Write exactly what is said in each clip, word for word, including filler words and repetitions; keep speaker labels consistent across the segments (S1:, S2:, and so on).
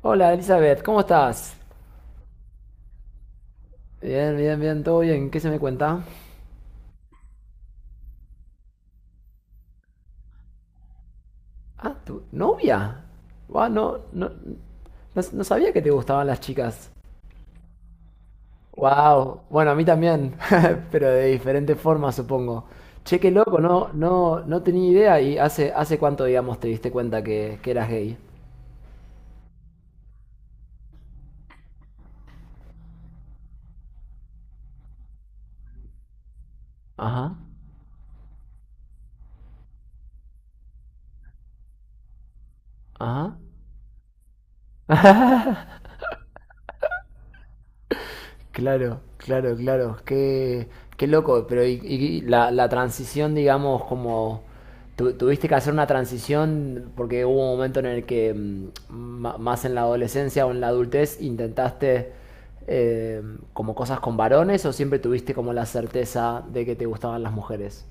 S1: Hola Elizabeth, ¿cómo estás? Bien, bien, bien, todo bien. ¿Qué se me cuenta? Ah, ¿tu novia? Guau, no, no, no, no sabía que te gustaban las chicas. Wow, bueno, a mí también, pero de diferente forma, supongo. Che, qué loco, no, no, no tenía idea. ¿Y hace, hace cuánto, digamos, te diste cuenta que, que eras gay? Ajá, ajá. Claro, claro, claro. Qué, qué loco. Pero y, y la, la transición, digamos, como tu- tuviste que hacer una transición porque hubo un momento en el que mm, ma- más en la adolescencia o en la adultez intentaste eh, como cosas con varones o siempre tuviste como la certeza de que te gustaban las mujeres.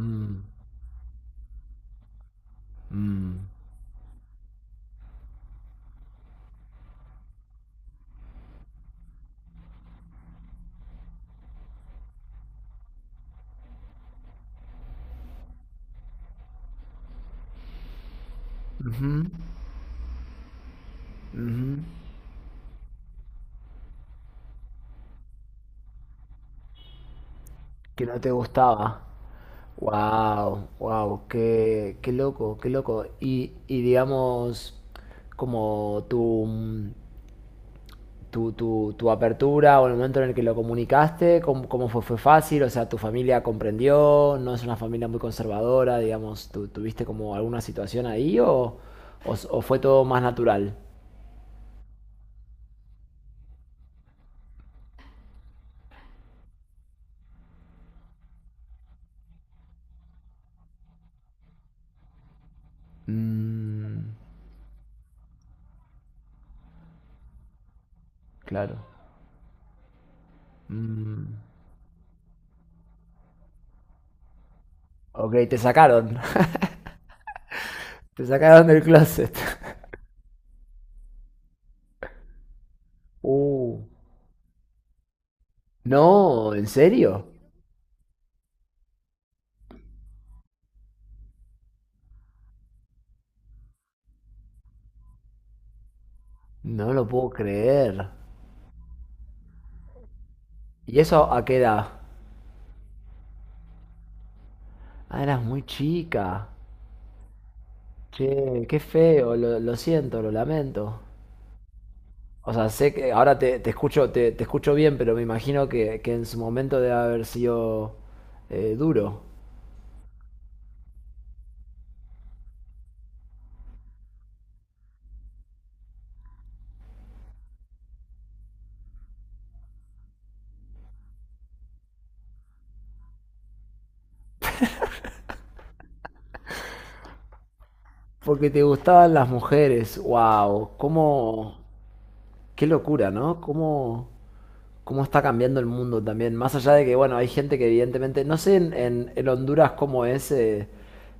S1: Mm, mm. Ujú, ujú. Que no te gustaba. Wow, wow, qué, qué loco, qué loco. Y, y digamos, como tu, mm, tu, tu, tu apertura o el momento en el que lo comunicaste, ¿cómo, cómo fue? ¿Fue fácil? O sea, ¿tu familia comprendió? ¿No es una familia muy conservadora? Digamos, ¿tú tuviste como alguna situación ahí o, o, s- o fue todo más natural? Mm, claro. Mm. Ok, te sacaron. Te sacaron del closet. Uh, no, ¿en serio? No lo puedo creer. ¿Y eso a qué edad? Ah, eras muy chica. Che, qué feo, lo, lo siento, lo lamento. O sea, sé que ahora te, te escucho, te, te escucho bien, pero me imagino que, que en su momento debe haber sido eh, duro. Porque te gustaban las mujeres, wow, cómo, qué locura, ¿no? ¿Cómo, cómo está cambiando el mundo también? Más allá de que, bueno, hay gente que evidentemente, no sé en, en- en Honduras cómo es, eh,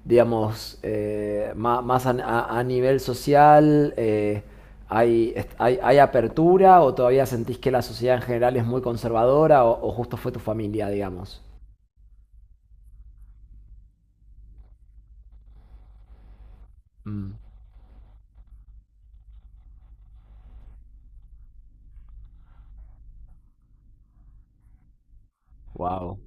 S1: digamos, eh, ma- más, a, a- a nivel social, eh, hay, est- hay, hay apertura o todavía sentís que la sociedad en general es muy conservadora o, o justo fue tu familia, digamos. Mm, wow,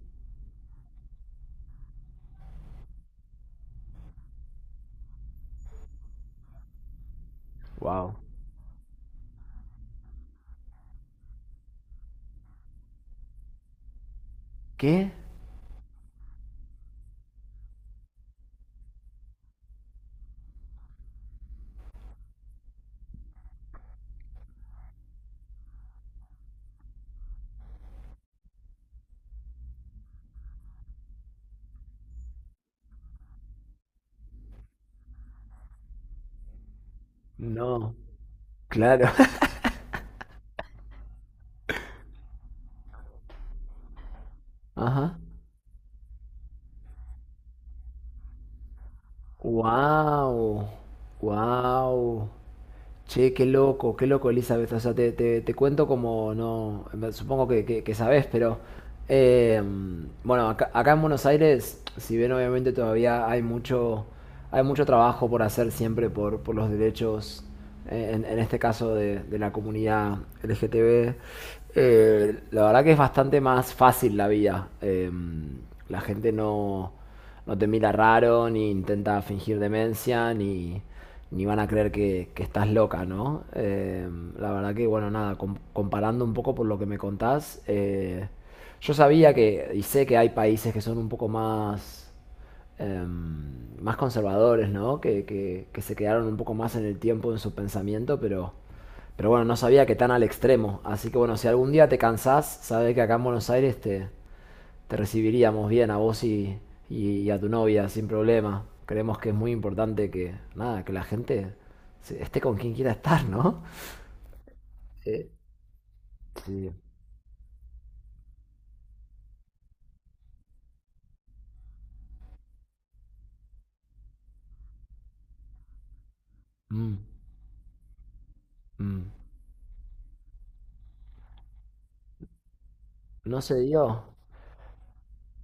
S1: wow. ¿Qué? No, claro. Ajá. Wow, wow. Che, qué loco, qué loco, Elizabeth. O sea, te, te- te cuento como no. Supongo que, que, que sabés, pero. eh, bueno, acá, acá en Buenos Aires, si bien obviamente todavía hay mucho, hay mucho trabajo por hacer siempre por, por los derechos, eh, en, en este caso de, de la comunidad L G T B, eh, la verdad que es bastante más fácil la vida. Em, la gente no no te mira raro, ni intenta fingir demencia, ni, ni van a creer que, que estás loca, ¿no? Eh, la verdad que, bueno, nada, com- comparando un poco por lo que me contás, eh, yo sabía que, y sé que hay países que son un poco más, em, más conservadores, ¿no? Que, que, que se quedaron un poco más en el tiempo, en su pensamiento, pero... Pero bueno, no sabía que tan al extremo. Así que bueno, si algún día te cansás, sabes que acá en Buenos Aires te, te recibiríamos bien a vos y, y- a tu novia sin problema. Creemos que es muy importante que, nada, que la gente se- esté con quien quiera estar, ¿no? Eh, sí. Mm, mm. No se dio.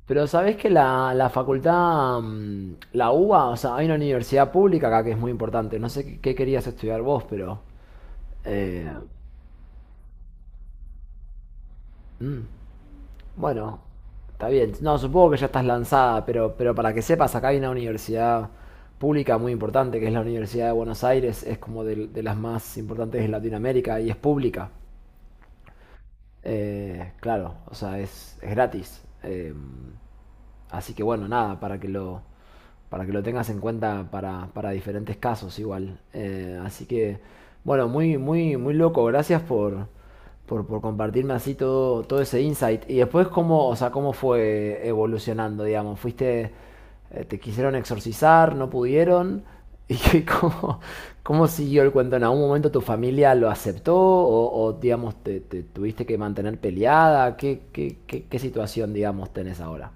S1: Pero sabés que la, la facultad, mm, la UBA, o sea, hay una universidad pública acá que es muy importante. No sé qué, qué querías estudiar vos, pero... eh, mm. Bueno, está bien. No, supongo que ya estás lanzada, pero, pero para que sepas, acá hay una universidad pública muy importante, que es la Universidad de Buenos Aires, es como del- de, las más importantes de Latinoamérica y es pública. Eh, claro, o sea, es, es gratis. Em, Así que bueno, nada, para que lo, para que lo tengas en cuenta para, para diferentes casos igual. Eh, así que, bueno, muy, muy, muy loco. Gracias por, por, por compartirme así todo, todo ese insight. Y después, ¿cómo, o sea, cómo fue evolucionando, digamos? ¿Fuiste, eh, te quisieron exorcizar, no pudieron? ¿Y qué- cómo, cómo siguió el cuento? ¿En algún momento tu familia lo aceptó o, o, digamos, te, te tuviste que mantener peleada? ¿Qué, qué, qué, qué situación, digamos, tenés ahora?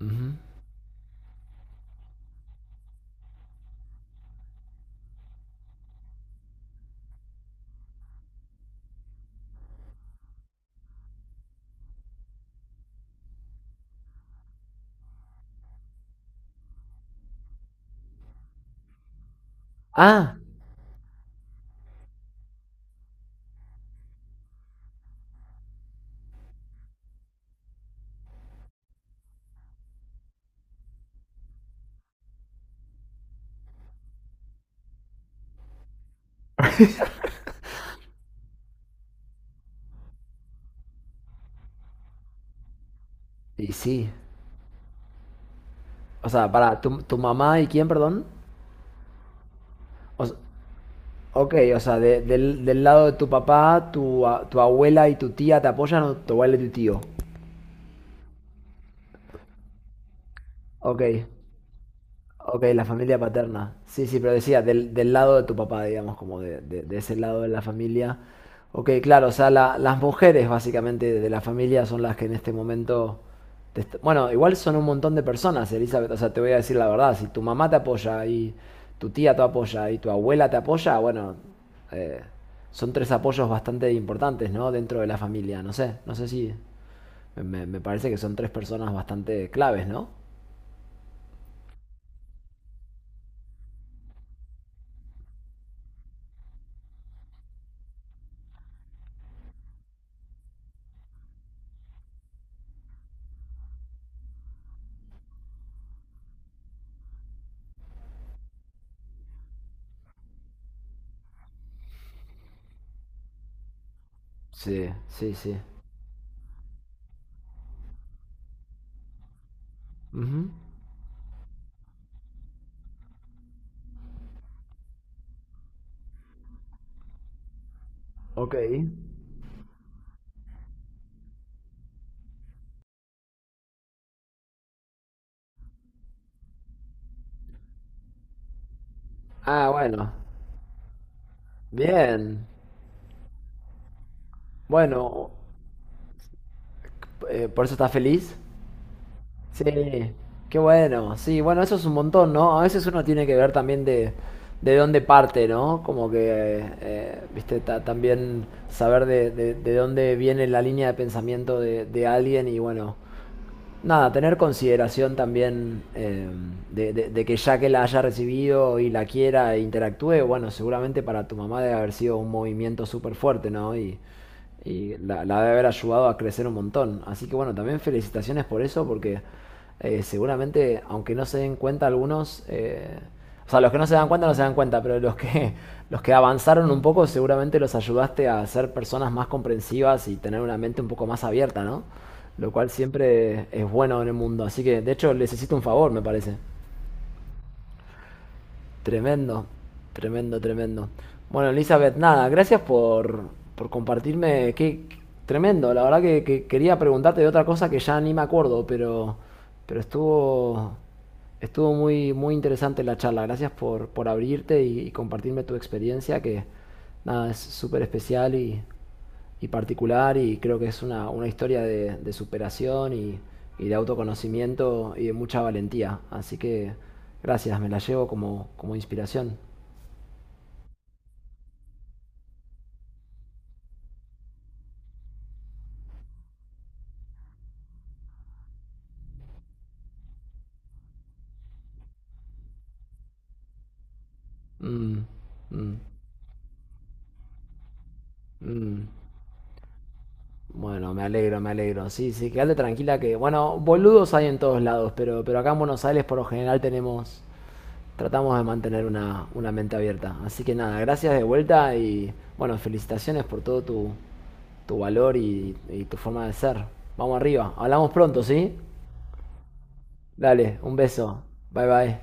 S1: Ujú. Ah, y sí. O sea, para tu, tu mamá y quién, perdón. O, s- ok, o sea, de- del, del lado de tu papá, tu, a- tu abuela y tu tía te apoyan o tu abuela y tu tío. Ok. Ok, la familia paterna. Sí, sí, pero decía, del, del lado de tu papá, digamos, como de, de- de ese lado de la familia. Ok, claro, o sea, la- las mujeres básicamente de la familia son las que en este momento... te est- bueno, igual son un montón de personas, Elizabeth, o sea, te voy a decir la verdad, si tu mamá te apoya y tu tía te apoya y tu abuela te apoya, bueno, eh, son tres apoyos bastante importantes, ¿no? Dentro de la familia, no sé, no sé si... Me, me- me parece que son tres personas bastante claves, ¿no? Sí, sí, sí. Ujú. Ok. Ah, bueno. Bien. Bueno, eh, ¿por eso estás feliz? Sí. Qué bueno. Sí, bueno, eso es un montón, ¿no? A veces uno tiene que ver también de, de dónde parte, ¿no? Como que, eh, viste, ta- también saber de, de- de dónde viene la línea de pensamiento de, de alguien y bueno. Nada, tener consideración también eh, de, de- de que ya que la haya recibido y la quiera e interactúe, bueno, seguramente para tu mamá debe haber sido un movimiento súper fuerte, ¿no? Y, y la, la debe haber ayudado a crecer un montón. Así que bueno, también felicitaciones por eso, porque eh, seguramente, aunque no se den cuenta algunos, eh, o sea, los que no se dan cuenta no se dan cuenta, pero los que, los que avanzaron un poco seguramente los ayudaste a ser personas más comprensivas y tener una mente un poco más abierta, ¿no? Lo cual siempre es bueno en el mundo. Así que, de hecho, les hiciste un favor, me parece. Tremendo, tremendo, tremendo. Bueno, Elizabeth, nada, gracias por, por compartirme. Qué, qué- tremendo, la verdad que, que quería preguntarte de otra cosa que ya ni me acuerdo, pero, pero estuvo, estuvo muy, muy interesante la charla. Gracias por, por abrirte y, y compartirme tu experiencia, que nada, es súper especial y y particular y creo que es una, una historia de, de superación y, y de autoconocimiento y de mucha valentía. Así que gracias, me la llevo como, como inspiración. Mm, mm, mm. Bueno, me alegro, me alegro. Sí, sí, quédate tranquila que, bueno, boludos hay en todos lados, pero, pero acá en Buenos Aires por lo general tenemos... tratamos de mantener una, una mente abierta. Así que nada, gracias de vuelta y bueno, felicitaciones por todo tu, tu valor y, y tu forma de ser. Vamos arriba, hablamos pronto, ¿sí? Dale, un beso. Bye bye.